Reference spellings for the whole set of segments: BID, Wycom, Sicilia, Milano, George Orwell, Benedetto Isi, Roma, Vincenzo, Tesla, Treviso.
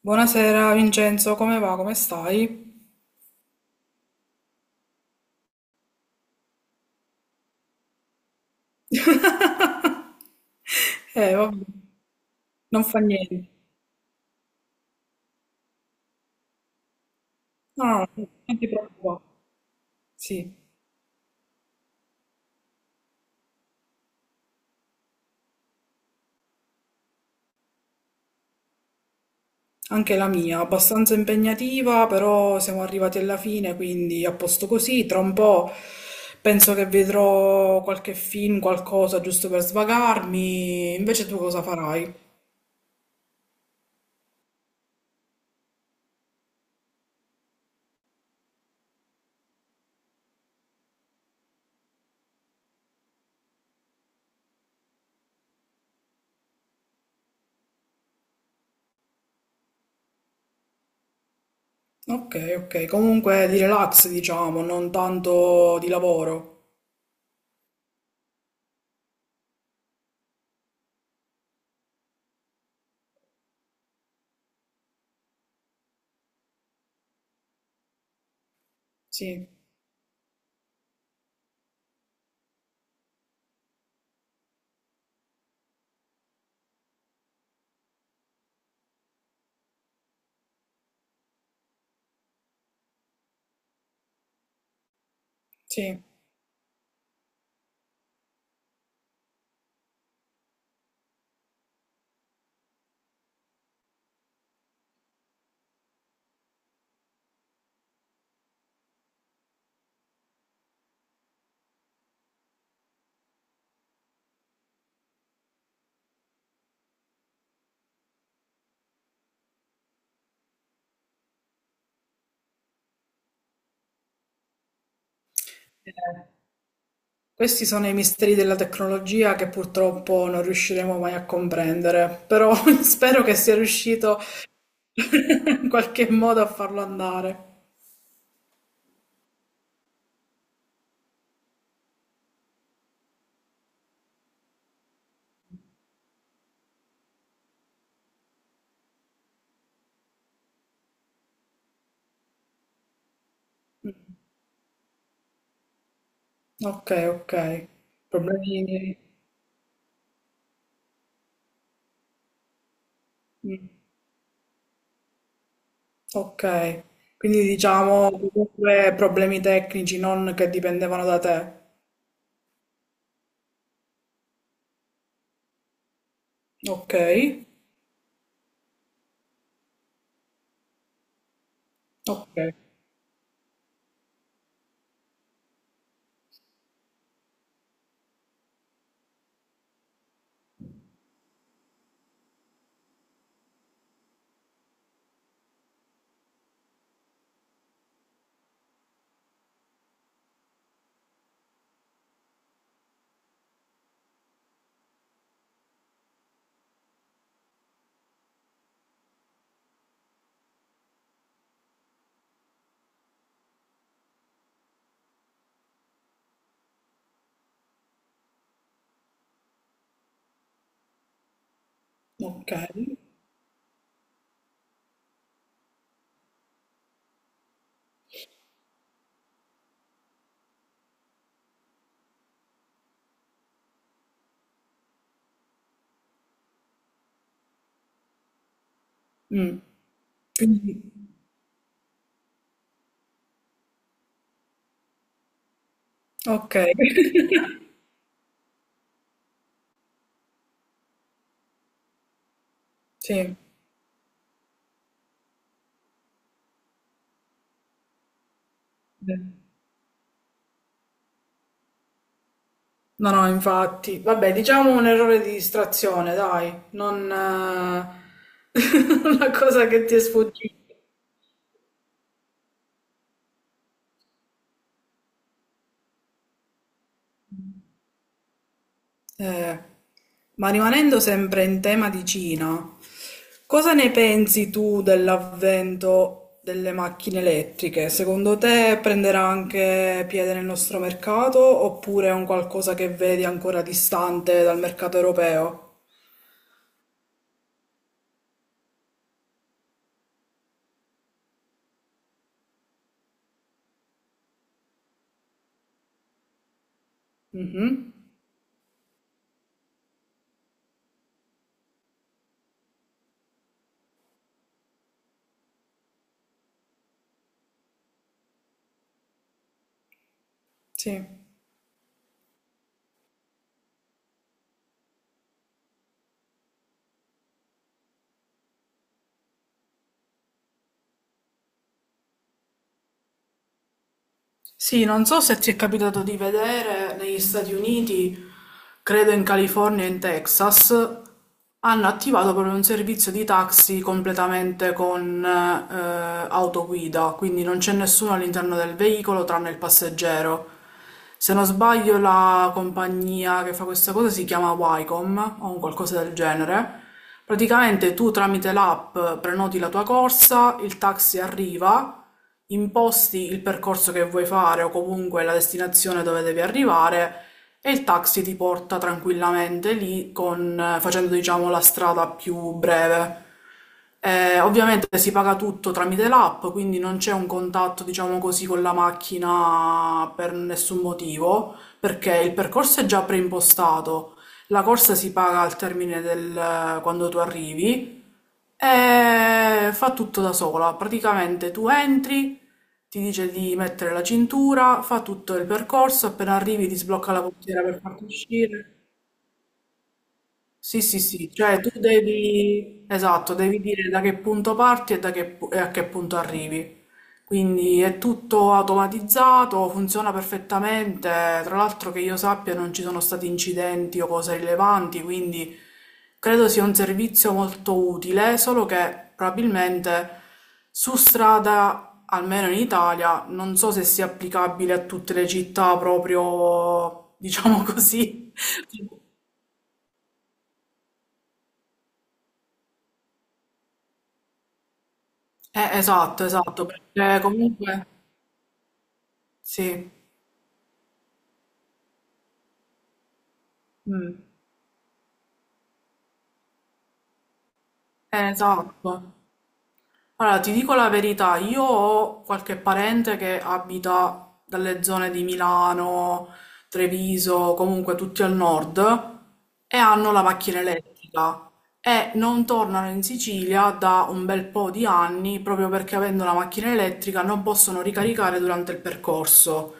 Buonasera Vincenzo, come va? Come stai? Vabbè, non fa niente. No, no, non ti preoccupare. Sì, anche la mia, abbastanza impegnativa, però siamo arrivati alla fine, quindi a posto così. Tra un po' penso che vedrò qualche film, qualcosa giusto per svagarmi. Invece tu cosa farai? Ok, ok, comunque di relax, diciamo, non tanto di lavoro. Sì, sì. Eh. Questi sono i misteri della tecnologia che purtroppo non riusciremo mai a comprendere, però spero che sia riuscito in qualche modo a farlo andare. Ok, ok. Problemi... Mm. Ok. Quindi diciamo comunque problemi tecnici, non che dipendevano da te. Ok, ok, ok. Mm. Quindi, ok. Sì. No, no, infatti. Vabbè, diciamo un errore di distrazione, dai, non una cosa che ti è sfuggita. Eh, ma rimanendo sempre in tema di Cina, cosa ne pensi tu dell'avvento delle macchine elettriche? Secondo te prenderà anche piede nel nostro mercato oppure è un qualcosa che vedi ancora distante dal mercato europeo? Mhm. Sì. Sì, non so se ti è capitato di vedere negli Stati Uniti, credo in California e in Texas, hanno attivato proprio un servizio di taxi completamente con autoguida, quindi non c'è nessuno all'interno del veicolo tranne il passeggero. Se non sbaglio la compagnia che fa questa cosa si chiama Wycom o un qualcosa del genere. Praticamente tu tramite l'app prenoti la tua corsa, il taxi arriva, imposti il percorso che vuoi fare o comunque la destinazione dove devi arrivare e il taxi ti porta tranquillamente lì con, facendo diciamo la strada più breve. Ovviamente si paga tutto tramite l'app, quindi non c'è un contatto, diciamo così, con la macchina per nessun motivo, perché il percorso è già preimpostato. La corsa si paga al termine del quando tu arrivi e fa tutto da sola. Praticamente tu entri, ti dice di mettere la cintura, fa tutto il percorso, appena arrivi ti sblocca la portiera per farti uscire. Sì, sì, sì, cioè tu devi, esatto, devi dire da che punto parti e, e a che punto arrivi. Quindi è tutto automatizzato, funziona perfettamente. Tra l'altro che io sappia non ci sono stati incidenti o cose rilevanti, quindi credo sia un servizio molto utile, solo che probabilmente su strada, almeno in Italia, non so se sia applicabile a tutte le città proprio, diciamo così. Esatto, esatto, perché comunque sì. Mm. Eh, esatto. Allora, ti dico la verità, io ho qualche parente che abita dalle zone di Milano, Treviso, comunque tutti al nord, e hanno la macchina elettrica e non tornano in Sicilia da un bel po' di anni proprio perché avendo la macchina elettrica non possono ricaricare durante il percorso.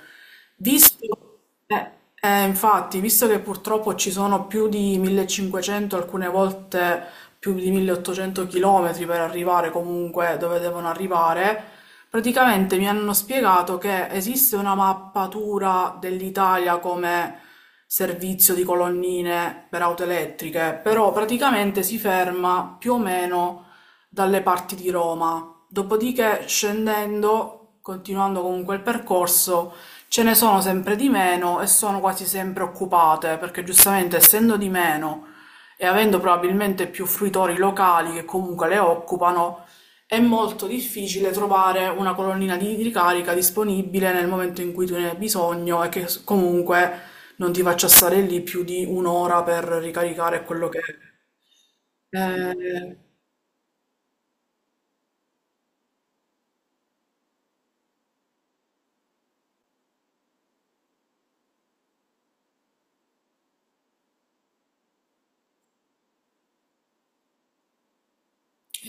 Visto, eh, infatti, visto che purtroppo ci sono più di 1500, alcune volte più di 1800 chilometri per arrivare comunque dove devono arrivare, praticamente mi hanno spiegato che esiste una mappatura dell'Italia come servizio di colonnine per auto elettriche, però praticamente si ferma più o meno dalle parti di Roma. Dopodiché, scendendo, continuando comunque il percorso, ce ne sono sempre di meno e sono quasi sempre occupate, perché giustamente essendo di meno e avendo probabilmente più fruitori locali che comunque le occupano, è molto difficile trovare una colonnina di ricarica disponibile nel momento in cui tu ne hai bisogno e che comunque non ti faccia stare lì più di un'ora per ricaricare quello che... Eh,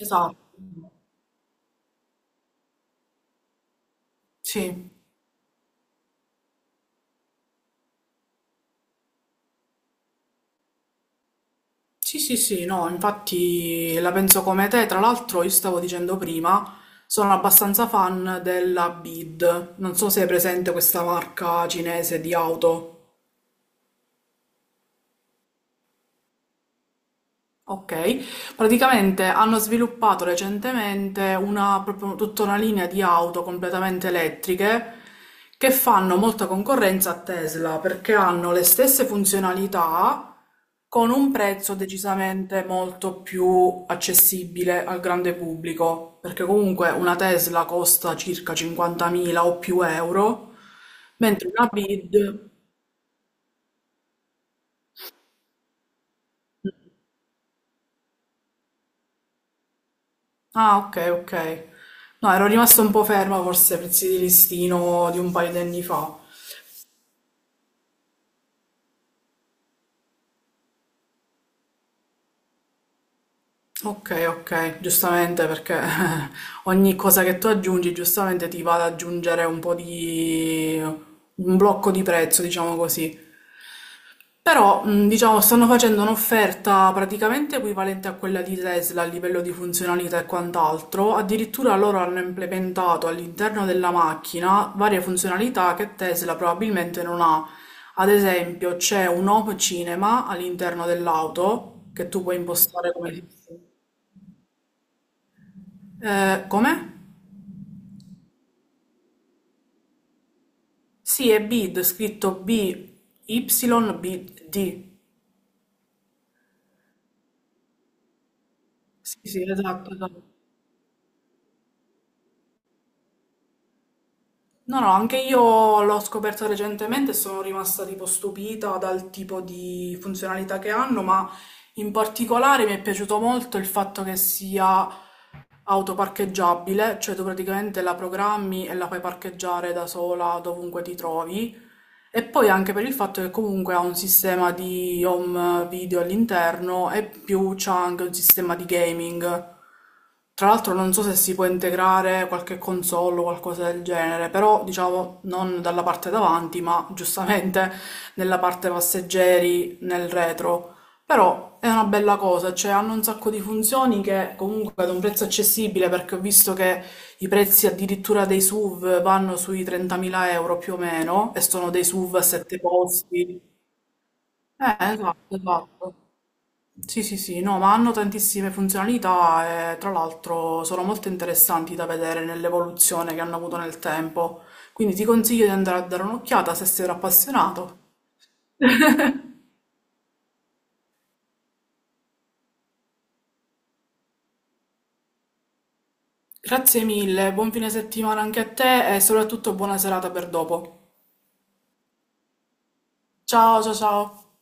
esatto, sì. Sì, sì, sì, no, infatti la penso come te. Tra l'altro, io stavo dicendo prima, sono abbastanza fan della BID. Non so se è presente questa marca cinese di auto. Ok, praticamente hanno sviluppato recentemente una, proprio tutta una linea di auto completamente elettriche che fanno molta concorrenza a Tesla perché hanno le stesse funzionalità con un prezzo decisamente molto più accessibile al grande pubblico, perché comunque una Tesla costa circa 50.000 o più euro, mentre una BID... Ah, ok, ok. No, ero rimasta un po' ferma forse ai prezzi di listino di un paio di anni fa. Ok, ok, giustamente perché ogni cosa che tu aggiungi giustamente ti va ad aggiungere un po' di... un blocco di prezzo, diciamo così. Però, diciamo, stanno facendo un'offerta praticamente equivalente a quella di Tesla a livello di funzionalità e quant'altro. Addirittura loro hanno implementato all'interno della macchina varie funzionalità che Tesla probabilmente non ha. Ad esempio, c'è un home cinema all'interno dell'auto che tu puoi impostare come... come? Sì, è BID, scritto B, Y, B, D. Sì, sì, esatto, esatto. No, no, anche io l'ho scoperta recentemente e sono rimasta tipo stupita dal tipo di funzionalità che hanno, ma in particolare mi è piaciuto molto il fatto che sia autoparcheggiabile, cioè tu praticamente la programmi e la fai parcheggiare da sola dovunque ti trovi. E poi anche per il fatto che comunque ha un sistema di home video all'interno e più c'ha anche un sistema di gaming. Tra l'altro non so se si può integrare qualche console o qualcosa del genere, però diciamo non dalla parte davanti, ma giustamente nella parte passeggeri, nel retro. Però è una bella cosa, cioè hanno un sacco di funzioni che comunque ad un prezzo accessibile, perché ho visto che i prezzi addirittura dei SUV vanno sui 30.000 euro più o meno, e sono dei SUV a sette posti. Esatto, esatto. Sì, sì, sì, no, ma hanno tantissime funzionalità e tra l'altro sono molto interessanti da vedere nell'evoluzione che hanno avuto nel tempo. Quindi ti consiglio di andare a dare un'occhiata se sei appassionato. Grazie mille, buon fine settimana anche a te e soprattutto buona serata per dopo. Ciao, ciao, ciao.